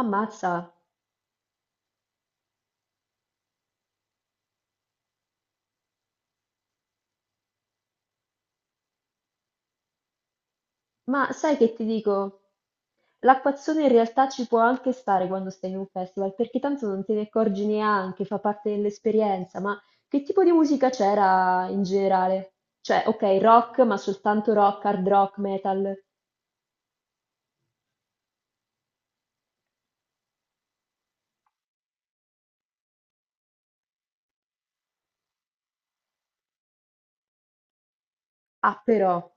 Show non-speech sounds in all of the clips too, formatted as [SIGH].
Ammazza, ma sai che ti dico? L'acquazzone in realtà ci può anche stare quando stai in un festival, perché tanto non te ne accorgi neanche, fa parte dell'esperienza, ma che tipo di musica c'era in generale? Cioè, ok, rock, ma soltanto rock, hard rock, metal. Ah, però.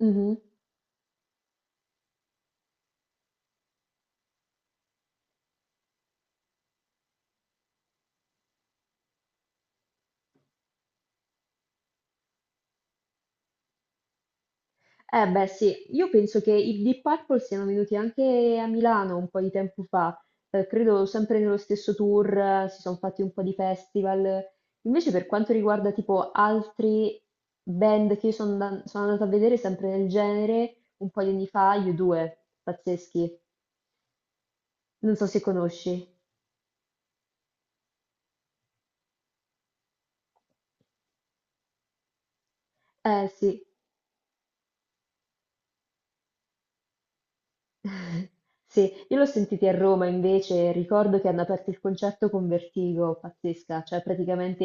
Mhm. Eh beh sì, io penso che i Deep Purple siano venuti anche a Milano un po' di tempo fa, credo sempre nello stesso tour, si sono fatti un po' di festival. Invece per quanto riguarda tipo altri band che io sono andata a vedere sempre nel genere, un po' di anni fa, U2, pazzeschi, non so se conosci. Eh sì. Sì, io l'ho sentiti a Roma invece, ricordo che hanno aperto il concerto con Vertigo, pazzesca, cioè praticamente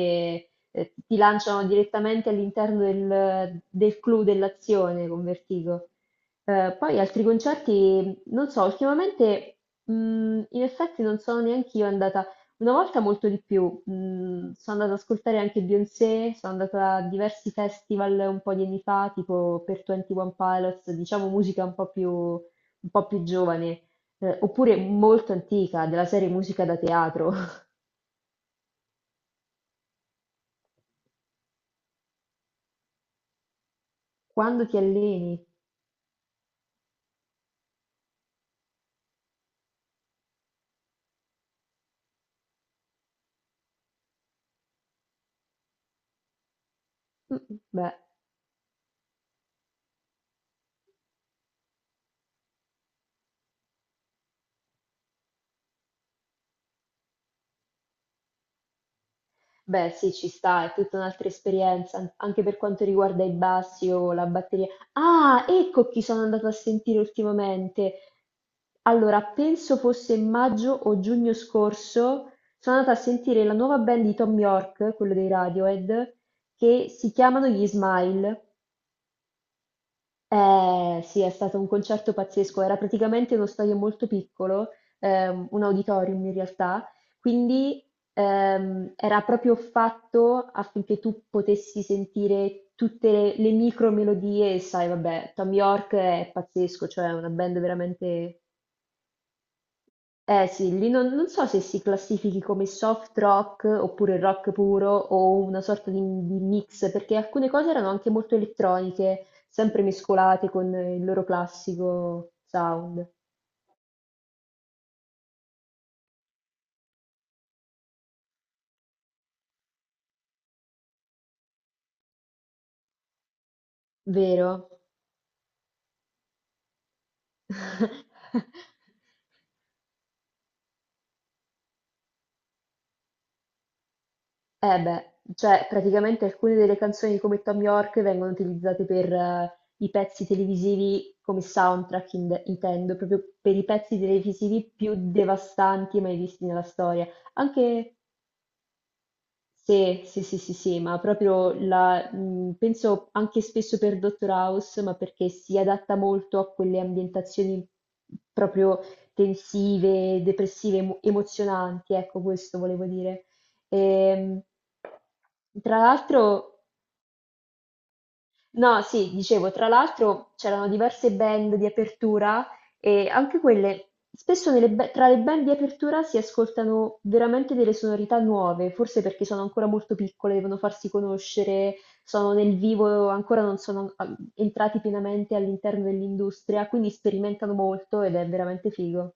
ti lanciano direttamente all'interno del clou dell'azione con Vertigo. Poi altri concerti, non so, ultimamente mh, in effetti non sono neanche io andata, una volta molto di più, sono andata ad ascoltare anche Beyoncé, sono andata a diversi festival un po' di anni fa, tipo per 21 Pilots, diciamo musica un po' più giovane, oppure molto antica, della serie musica da teatro. [LAUGHS] Quando ti alleni? Mm, Beh, sì, ci sta, è tutta un'altra esperienza, anche per quanto riguarda i bassi o la batteria. Ah, ecco chi sono andato a sentire ultimamente. Allora, penso fosse maggio o giugno scorso, sono andata a sentire la nuova band di Tom York, quello dei Radiohead, che si chiamano gli Smile. Eh sì, è stato un concerto pazzesco, era praticamente uno stadio molto piccolo, un auditorium in realtà, quindi era proprio fatto affinché tu potessi sentire tutte le micro melodie, e sai, vabbè, Tom York è pazzesco, cioè è una band veramente. Eh sì, lì non so se si classifichi come soft rock oppure rock puro o una sorta di mix, perché alcune cose erano anche molto elettroniche, sempre mescolate con il loro classico sound, vero? [LAUGHS] Eh beh, cioè praticamente alcune delle canzoni come Tom York vengono utilizzate per i pezzi televisivi come soundtrack, intendo, proprio per i pezzi televisivi più devastanti mai visti nella storia. Anche Sì, sì, sì, sì, sì, ma proprio la, penso anche spesso per Dottor House, ma perché si adatta molto a quelle ambientazioni proprio tensive, depressive, emozionanti, ecco, questo volevo dire. Ehm, tra l'altro. No, sì, dicevo, tra l'altro c'erano diverse band di apertura e anche quelle, spesso tra le band di apertura si ascoltano veramente delle sonorità nuove, forse perché sono ancora molto piccole, devono farsi conoscere, sono nel vivo, ancora non sono entrati pienamente all'interno dell'industria, quindi sperimentano molto ed è veramente figo.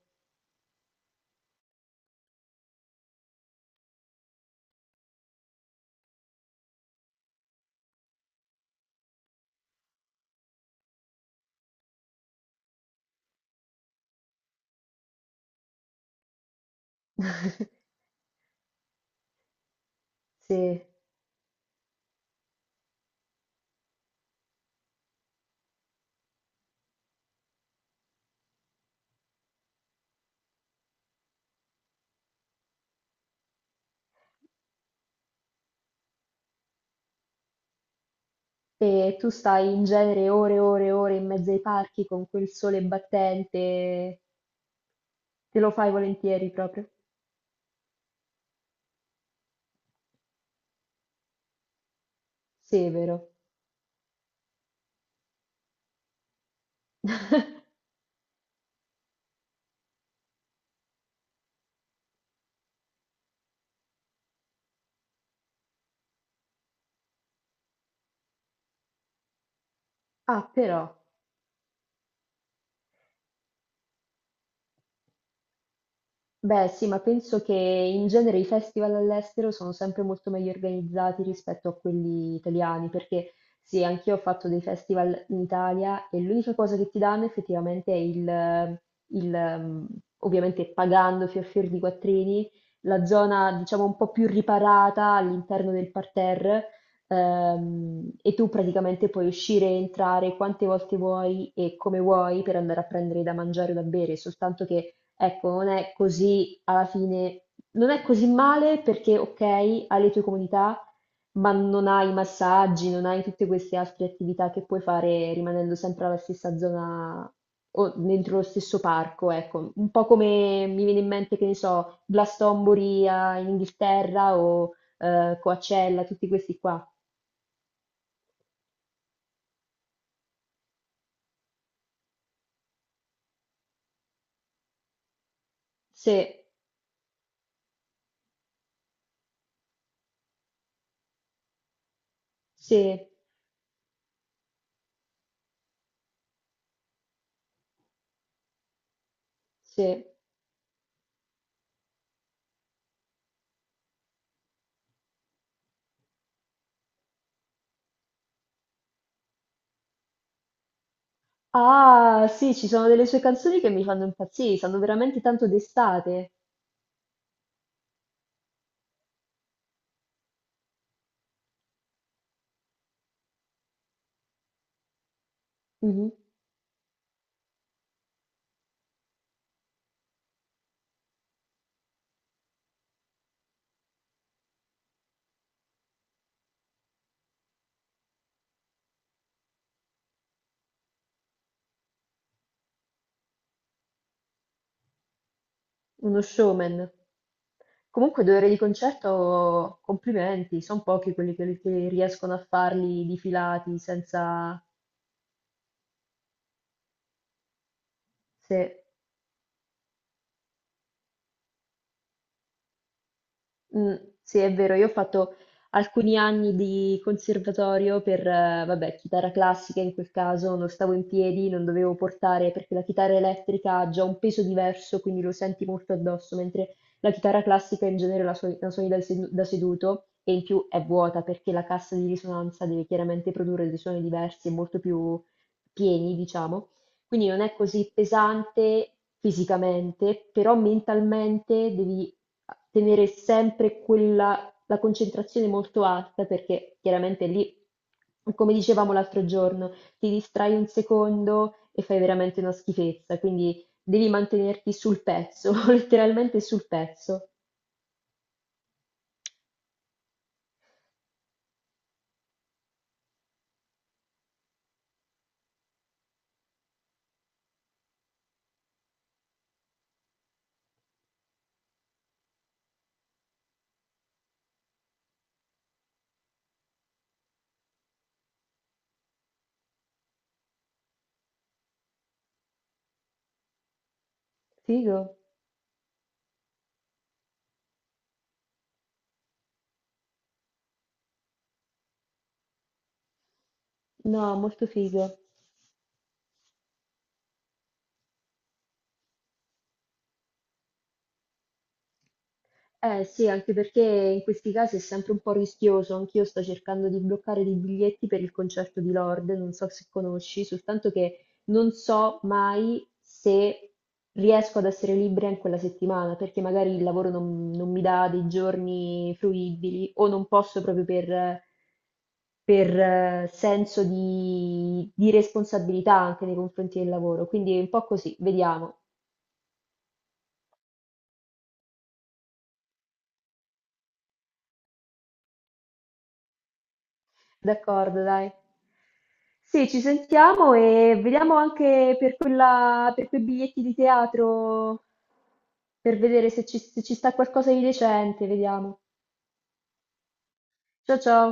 [LAUGHS] Sì. E tu stai in genere ore e ore e ore in mezzo ai parchi con quel sole battente, te lo fai volentieri proprio. Severo. [LAUGHS] Ah, però. Beh, sì, ma penso che in genere i festival all'estero sono sempre molto meglio organizzati rispetto a quelli italiani, perché sì, anch'io ho fatto dei festival in Italia e l'unica cosa che ti danno effettivamente è il, ovviamente pagando fior fior di quattrini, la zona diciamo un po' più riparata all'interno del parterre, e tu praticamente puoi uscire e entrare quante volte vuoi e come vuoi per andare a prendere da mangiare o da bere, soltanto che ecco, non è così alla fine, non è così male perché, ok, hai le tue comodità, ma non hai i massaggi, non hai tutte queste altre attività che puoi fare rimanendo sempre alla stessa zona o dentro lo stesso parco, ecco. Un po' come mi viene in mente, che ne so, Glastonbury in Inghilterra o Coachella, tutti questi qua. Se, se, se. Ah, sì, ci sono delle sue canzoni che mi fanno impazzire, sanno veramente tanto d'estate. Mh-mh. Uno showman. Comunque 2 ore di concerto, complimenti, son pochi quelli che riescono a farli di filati senza sì. Mm, sì, è vero, io ho fatto alcuni anni di conservatorio per, vabbè, chitarra classica in quel caso, non stavo in piedi, non dovevo portare perché la chitarra elettrica ha già un peso diverso, quindi lo senti molto addosso, mentre la chitarra classica in genere la suoni da seduto e in più è vuota perché la cassa di risonanza deve chiaramente produrre dei suoni diversi e molto più pieni, diciamo. Quindi non è così pesante fisicamente, però mentalmente devi tenere sempre la concentrazione molto alta perché chiaramente lì, come dicevamo l'altro giorno, ti distrai un secondo e fai veramente una schifezza, quindi devi mantenerti sul pezzo, [LAUGHS] letteralmente sul pezzo. Figo? No, molto figo. Eh sì, anche perché in questi casi è sempre un po' rischioso. Anch'io sto cercando di bloccare dei biglietti per il concerto di Lord, non so se conosci, soltanto che non so mai se riesco ad essere libera in quella settimana, perché magari il lavoro non mi dà dei giorni fruibili o non posso proprio per, per, senso di responsabilità anche nei confronti del lavoro. Quindi è un po' così, vediamo. D'accordo, dai. Sì, ci sentiamo e vediamo anche per quella, per quei biglietti di teatro, per vedere se ci sta qualcosa di decente, vediamo. Ciao ciao.